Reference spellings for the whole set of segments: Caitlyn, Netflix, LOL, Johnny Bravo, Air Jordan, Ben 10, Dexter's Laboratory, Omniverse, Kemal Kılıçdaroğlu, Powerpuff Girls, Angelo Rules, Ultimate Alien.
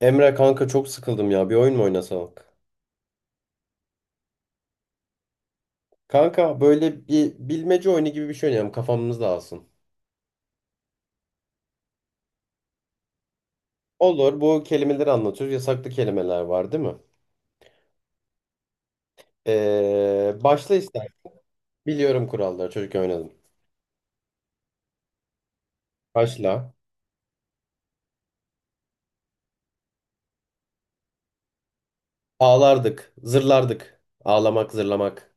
Emre kanka çok sıkıldım ya. Bir oyun mu oynasak? Kanka böyle bir bilmece oyunu gibi bir şey oynayalım. Kafamız dağılsın. Olur. Bu kelimeleri anlatıyoruz. Yasaklı kelimeler var değil mi? Başla ister. Biliyorum kuralları. Çocukken oynadım. Başla. Ağlardık. Zırlardık. Ağlamak, zırlamak.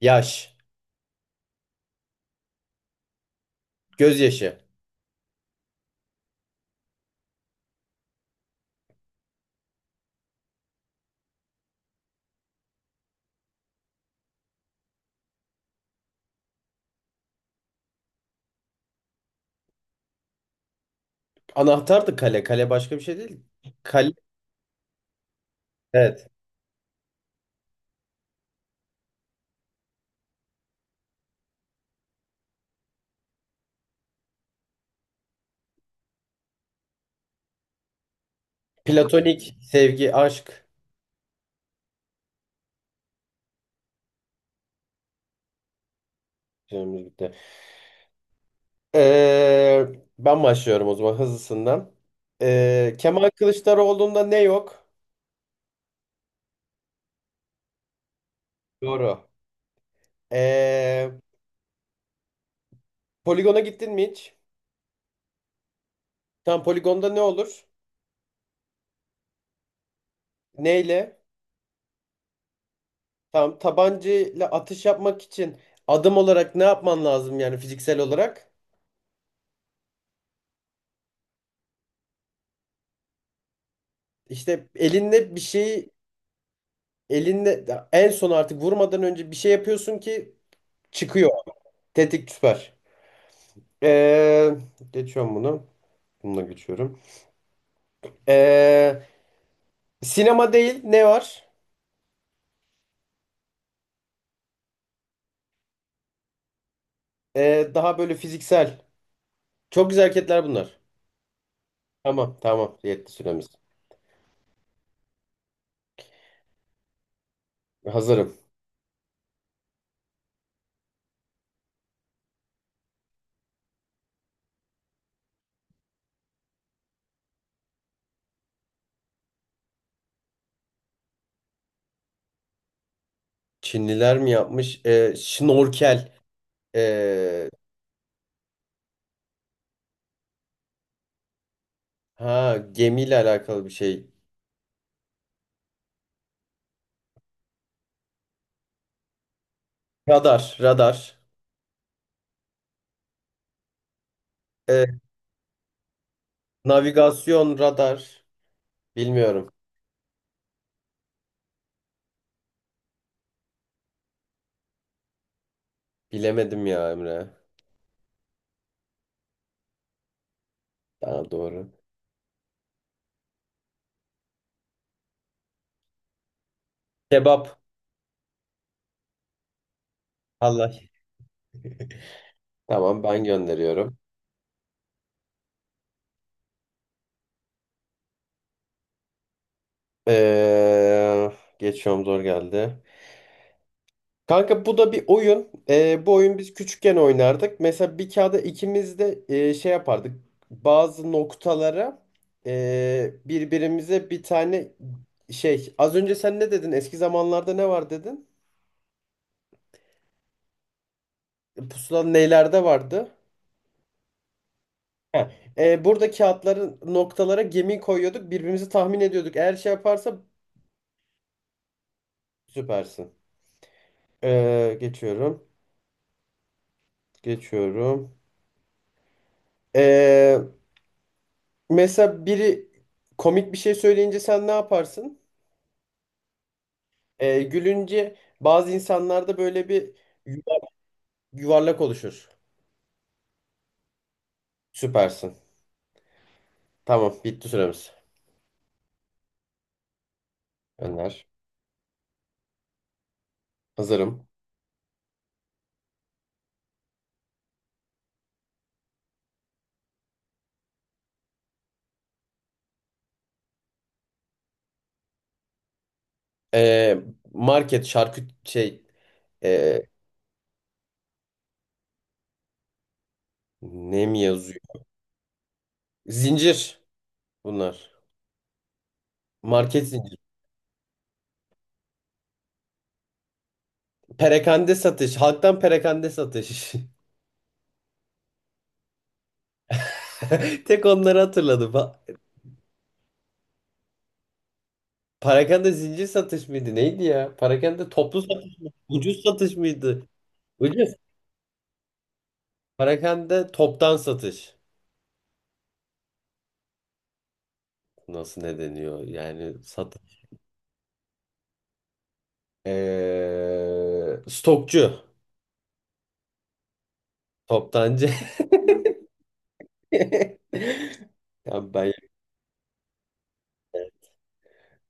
Yaş. Gözyaşı. Anahtardı kale. Kale başka bir şey değil. Kale. Evet. Platonik. Sevgi. Aşk. Süremiz bitti. Ee, Ben başlıyorum o zaman hızlısından. Kemal Kılıçdaroğlu'nda ne yok? Doğru. Ee, Poligona gittin mi hiç? Tam poligonda ne olur? Neyle? Tam tabancayla atış yapmak için adım olarak ne yapman lazım, yani fiziksel olarak? İşte elinde bir şeyi elinde en son artık vurmadan önce bir şey yapıyorsun ki çıkıyor. Tetik, süper. Ee, Geçiyorum bunu. Bununla geçiyorum. Ee, Sinema değil ne var? Daha böyle fiziksel. Çok güzel hareketler bunlar. Tamam tamam, yetti süremiz. Hazırım. Çinliler mi yapmış? Şnorkel. Ee, ha, gemiyle alakalı bir şey. Radar radar. Ee, Navigasyon radar. Bilmiyorum. Bilemedim ya Emre. Daha doğru. Kebap. Allah. Tamam, ben gönderiyorum. Ee, Geçiyorum, zor geldi. Kanka bu da bir oyun. Bu oyun biz küçükken oynardık. Mesela bir kağıda ikimiz de şey yapardık. Bazı noktalara birbirimize bir tane şey. Az önce sen ne dedin? Eski zamanlarda ne var dedin? Pusula nelerde vardı? Heh. Burada kağıtların noktalara gemi koyuyorduk. Birbirimizi tahmin ediyorduk. Eğer şey yaparsa süpersin. Geçiyorum. Geçiyorum. Ee, Mesela biri komik bir şey söyleyince sen ne yaparsın? Gülünce bazı insanlarda böyle bir yuva- yuvarlak oluşur. Süpersin. Tamam, bitti süremiz. Önder. Hazırım. Ee, Market, şarküt şey, ee, ne mi yazıyor? Zincir bunlar. Market zincir. Perakende satış. Halktan perakende satış. Tek onları hatırladım. Perakende zincir satış mıydı? Neydi ya? Perakende toplu satış mı? Ucuz satış mıydı? Ucuz. Perakende toptan satış. Nasıl ne deniyor? Yani sat stokçu, toptancı. Ya ben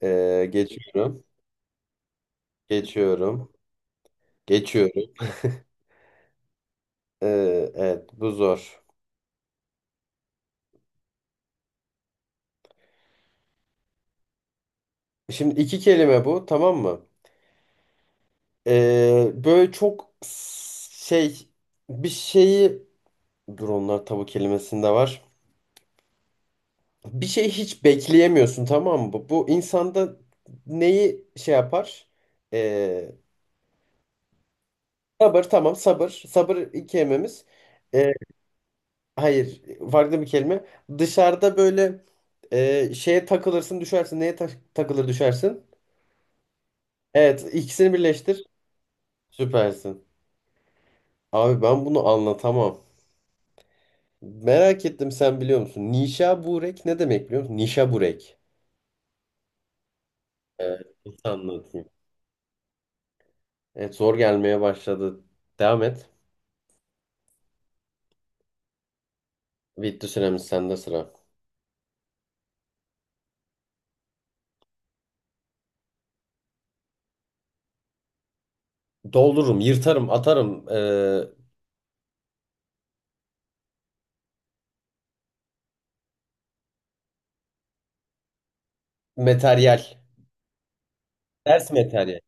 Geçiyorum. Geçiyorum. Geçiyorum. Evet, bu zor. Şimdi iki kelime bu, tamam mı? Böyle çok şey, bir şeyi dur, onlar tabu kelimesinde var. Bir şey hiç bekleyemiyorsun, tamam mı? Bu insanda neyi şey yapar? Sabır, tamam sabır. Sabır ilk kelimemiz. Ee, hayır, farklı bir kelime. Dışarıda böyle şeye takılırsın düşersin. Neye takılır düşersin? Evet, ikisini birleştir. Süpersin. Abi ben bunu anlatamam. Merak ettim, sen biliyor musun? Nişaburek ne demek biliyor musun? Nişaburek. Evet, nasıl anlatayım? Evet, zor gelmeye başladı. Devam et. Bitti süremiz, sende sıra. Doldururum, yırtarım, atarım. Materyal. Ders materyal.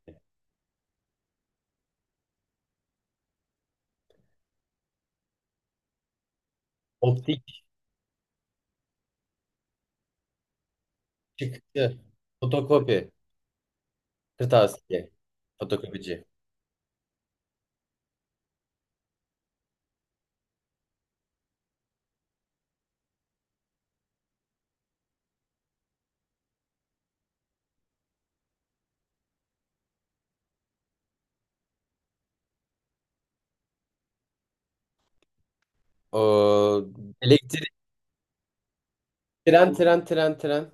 Optik. Çıktı. Fotokopi. Kırtasiye. Fotokopici. O, elektrik, tren, tren, tren, tren.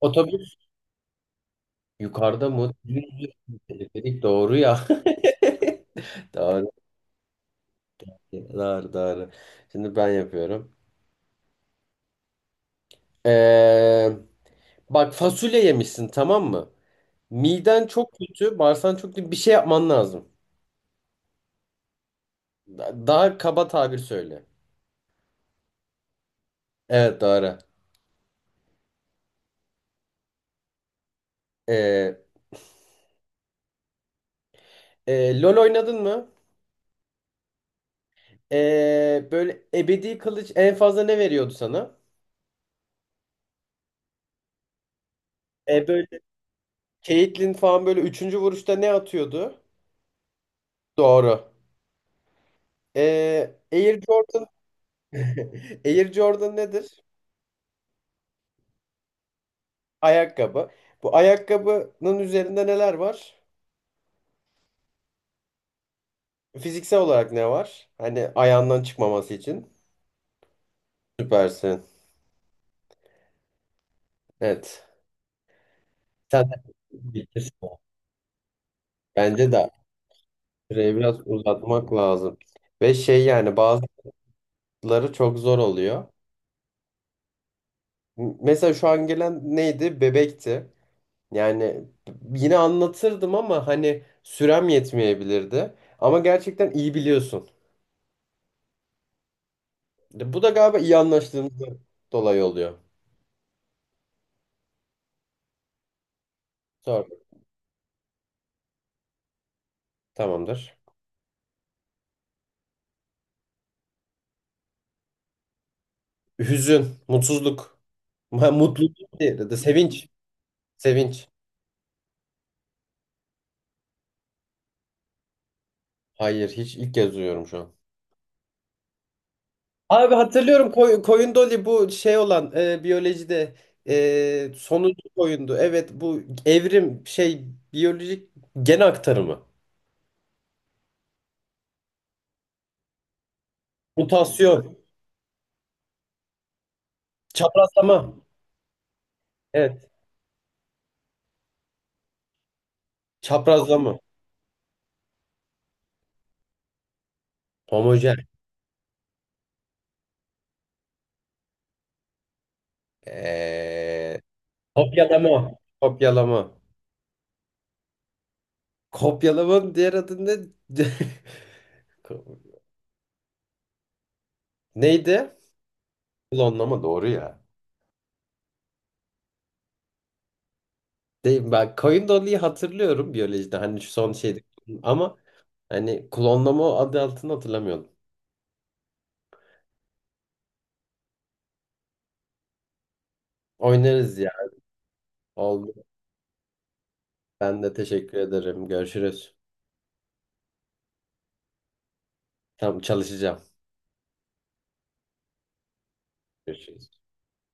Otobüs. Yukarıda mı? Düz, doğru ya. Doğru. Doğru, doğru. Şimdi ben yapıyorum. Ee, Bak, fasulye yemişsin, tamam mı? Miden çok kötü, bağırsan çok kötü. Bir şey yapman lazım. Daha kaba tabir söyle. Evet, doğru. Ee, LOL oynadın mı? Böyle ebedi kılıç en fazla ne veriyordu sana? Böyle Caitlyn falan böyle üçüncü vuruşta ne atıyordu? Doğru. Air Jordan. Air Jordan nedir? Ayakkabı. Bu ayakkabının üzerinde neler var? Fiziksel olarak ne var? Hani ayağından çıkmaması için. Süpersin. Evet. Sen de bilirsin. Bence de süreyi biraz uzatmak lazım. Ve şey yani bazıları çok zor oluyor. Mesela şu an gelen neydi? Bebekti. Yani yine anlatırdım ama hani sürem yetmeyebilirdi. Ama gerçekten iyi biliyorsun. Bu da galiba iyi anlaştığımızdan dolayı oluyor. Sor. Tamamdır. Hüzün, mutsuzluk, mutluluk, diğeri de sevinç. Sevinç. Hayır, hiç ilk kez duyuyorum şu an. Abi hatırlıyorum, koyun doli, bu şey olan, biyolojide sonuncu koyundu. Evet, bu evrim şey, biyolojik gen aktarımı. Mutasyon. Çaprazlama. Evet. Çaprazlama. Homojen. Ee, Kopyalama. Kopyalama. Kopyalamanın diğer adı ne? Neydi? Klonlama, doğru ya. Değil, ben koyun doluyu hatırlıyorum biyolojide. Hani şu son şeydi. Ama hani klonlama adı altını hatırlamıyorum. Oynarız ya. Oldu. Ben de teşekkür ederim. Görüşürüz. Tamam, çalışacağım. Görüşürüz.